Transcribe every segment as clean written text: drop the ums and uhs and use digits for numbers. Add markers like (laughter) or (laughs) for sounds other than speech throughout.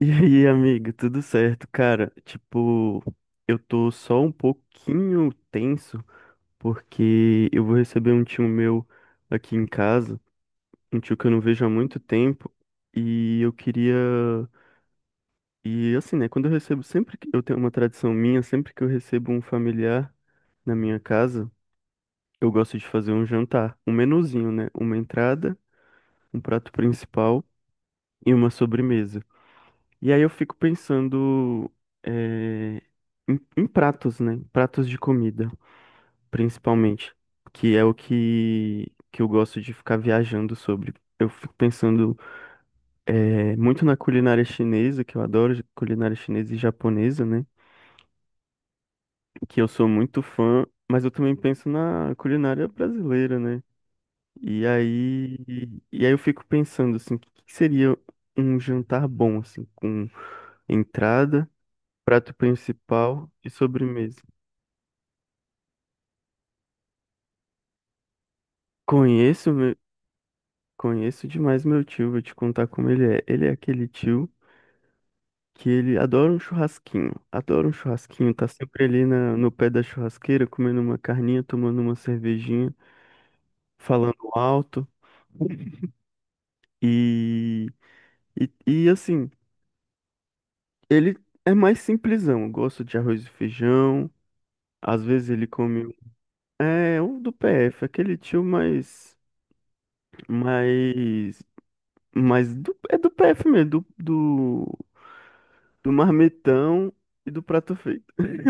E aí, amiga, tudo certo? Cara, tipo, eu tô só um pouquinho tenso porque eu vou receber um tio meu aqui em casa, um tio que eu não vejo há muito tempo, e eu queria. E assim, né, quando eu recebo, sempre que eu tenho uma tradição minha, sempre que eu recebo um familiar na minha casa, eu gosto de fazer um jantar, um menuzinho, né? Uma entrada, um prato principal e uma sobremesa. E aí eu fico pensando eh, em pratos, né? Pratos de comida, principalmente, que é o que, que eu gosto de ficar viajando sobre. Eu fico pensando muito na culinária chinesa, que eu adoro culinária chinesa e japonesa, né? Que eu sou muito fã, mas eu também penso na culinária brasileira, né? E aí, e aí eu fico pensando assim, o que que seria um jantar bom, assim, com entrada, prato principal e sobremesa. Conheço, meu, conheço demais meu tio, vou te contar como ele é. Ele é aquele tio que ele adora um churrasquinho, tá sempre ali no pé da churrasqueira, comendo uma carninha, tomando uma cervejinha, falando alto. E, assim, ele é mais simplesão. Gosta de arroz e feijão. Às vezes ele come é, um do PF, aquele tio mais. Mais é do PF mesmo, do marmitão e do prato feito. (laughs)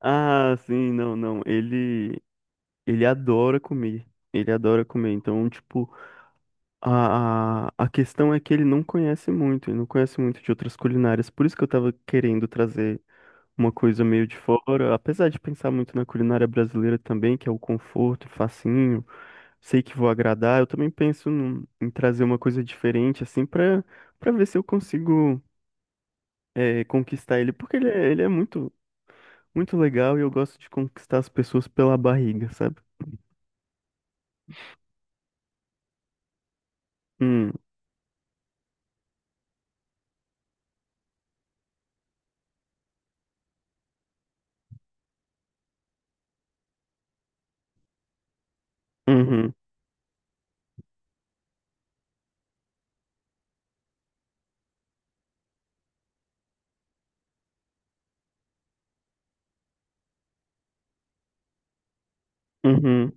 Ah, sim, não, não. Ele adora comer. Ele adora comer. Então, tipo, a questão é que ele não conhece muito, ele não conhece muito de outras culinárias. Por isso que eu tava querendo trazer uma coisa meio de fora. Apesar de pensar muito na culinária brasileira também, que é o conforto, facinho, sei que vou agradar. Eu também penso em trazer uma coisa diferente, assim, pra, pra ver se eu consigo, é, conquistar ele, porque ele é muito, muito legal e eu gosto de conquistar as pessoas pela barriga, sabe? Hum, uhum, uhum,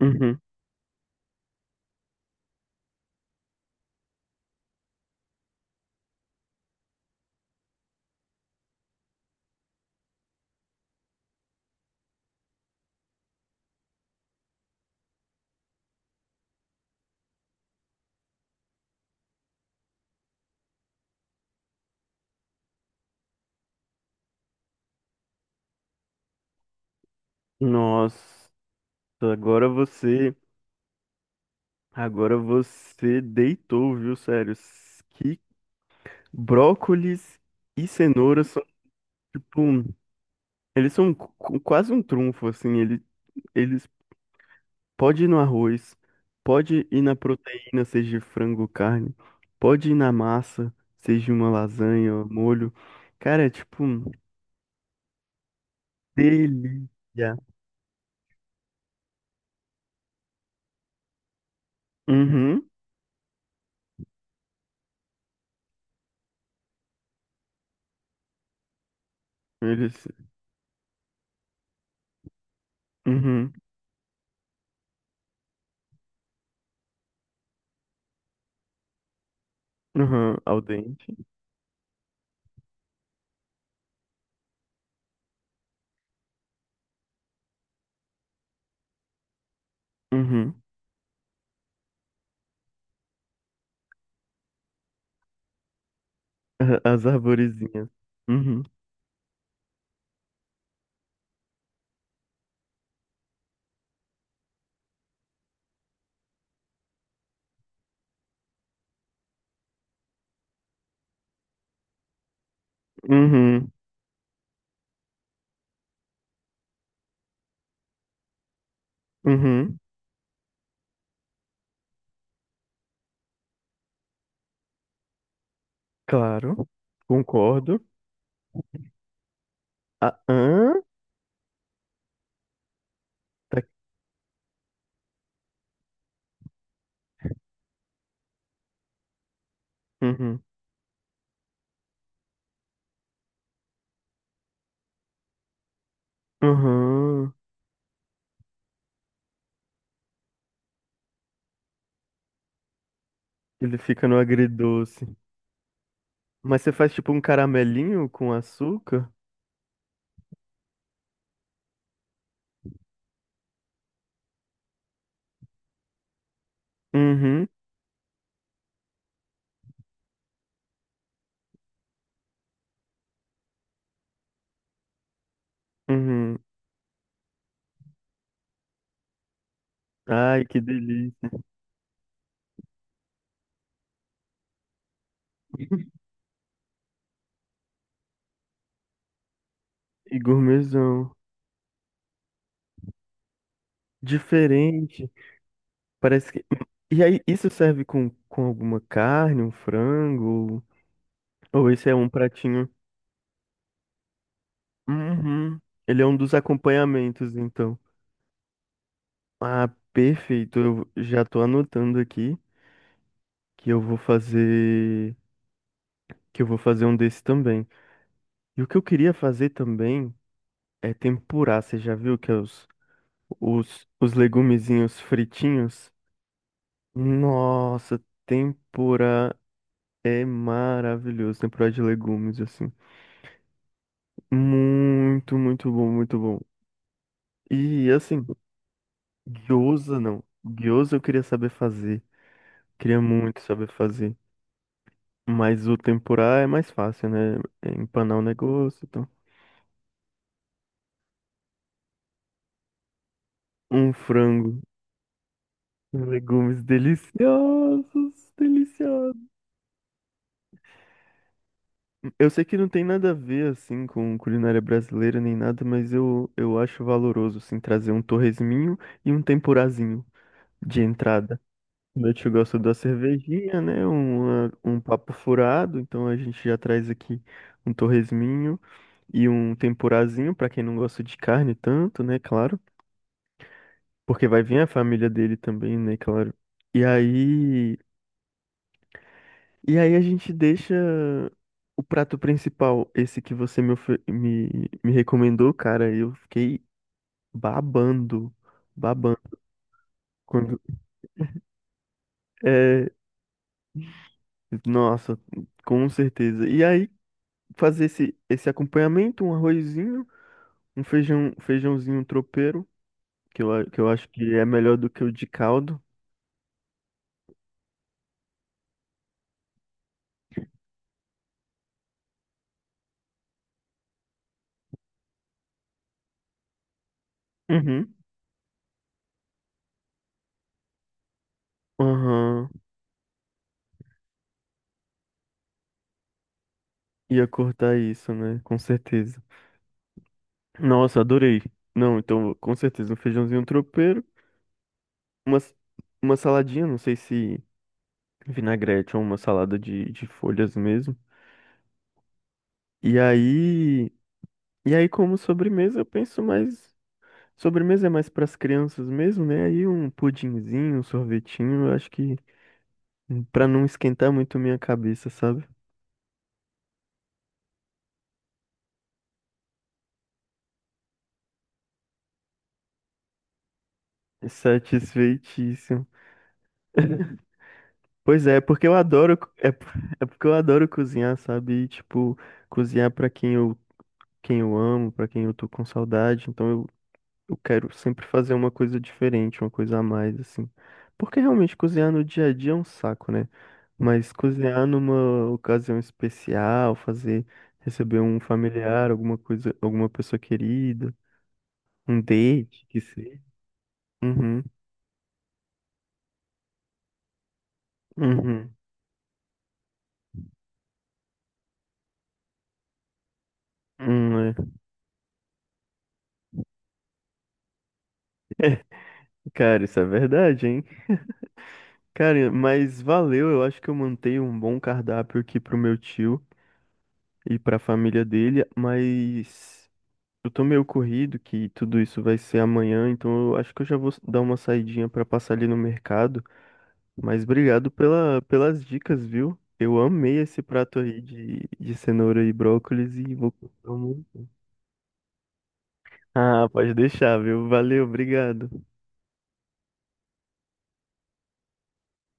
uhum. Nossa, agora você, agora você deitou, viu, sério? Que brócolis e cenoura são tipo, eles são quase um trunfo, assim, ele, eles pode ir no arroz, pode ir na proteína, seja frango, ou carne, pode ir na massa, seja uma lasanha, um molho. Cara, é tipo, um delícia. Uhum, eles, uhum, uhum, al dente, uhum, as arvorezinhas, uhum, uhum, uhum, claro, concordo. Ah, hã? Tá, uhum, uhum, ele fica no agridoce. Mas você faz tipo um caramelinho com açúcar? Uhum. Uhum. Ai, que delícia. E gourmetzão. Diferente. Parece que. E aí, isso serve com alguma carne, um frango? Ou esse é um pratinho? Uhum. Ele é um dos acompanhamentos, então. Ah, perfeito. Eu já tô anotando aqui que eu vou fazer. Que eu vou fazer um desse também. E o que eu queria fazer também é tempurar. Você já viu que é os, os legumezinhos fritinhos? Nossa, tempura é maravilhoso. Tempura de legumes, assim. Muito, muito bom, muito bom. E, assim, gyoza não. Gyoza eu queria saber fazer. Queria muito saber fazer. Mas o tempurá é mais fácil, né? É empanar o negócio, então. Um frango, legumes deliciosos, deliciosos. Eu sei que não tem nada a ver, assim, com culinária brasileira nem nada, mas eu acho valoroso, assim, trazer um torresminho e um tempurazinho de entrada. Como eu gosta da cervejinha, né? Um papo furado, então a gente já traz aqui um torresminho e um tempurazinho, pra quem não gosta de carne tanto, né? Claro, porque vai vir a família dele também, né? Claro. E aí. E aí a gente deixa o prato principal, esse que você me recomendou, cara. Eu fiquei babando, babando. Quando, é, nossa, com certeza. E aí fazer esse, esse acompanhamento, um arrozinho, feijãozinho tropeiro, que que eu acho que é melhor do que o de caldo. Uhum. Aham, ia cortar isso, né? Com certeza. Nossa, adorei. Não, então, com certeza, um feijãozinho tropeiro. Uma, s- uma saladinha, não sei se vinagrete ou uma salada de folhas mesmo. E aí, e aí como sobremesa, eu penso mais. Sobremesa é mais para as crianças mesmo, né? Aí um pudinzinho, um sorvetinho, eu acho que para não esquentar muito minha cabeça, sabe? É satisfeitíssimo. Pois é, é porque eu adoro, co- é, p- (laughs) é porque eu adoro cozinhar, sabe? E, tipo, cozinhar para quem eu amo, para quem eu tô com saudade. Então eu quero sempre fazer uma coisa diferente, uma coisa a mais, assim. Porque realmente cozinhar no dia a dia é um saco, né? Mas cozinhar numa ocasião especial, fazer, receber um familiar, alguma coisa, alguma pessoa querida, um date, que seja. Uhum, uhum. É. Cara, isso é verdade, hein? Cara, mas valeu, eu acho que eu mantenho um bom cardápio aqui pro meu tio e pra família dele, mas eu tô meio corrido que tudo isso vai ser amanhã, então eu acho que eu já vou dar uma saidinha pra passar ali no mercado. Mas obrigado pelas dicas, viu? Eu amei esse prato aí de cenoura e brócolis e vou comprar muito. Ah, pode deixar, viu? Valeu, obrigado.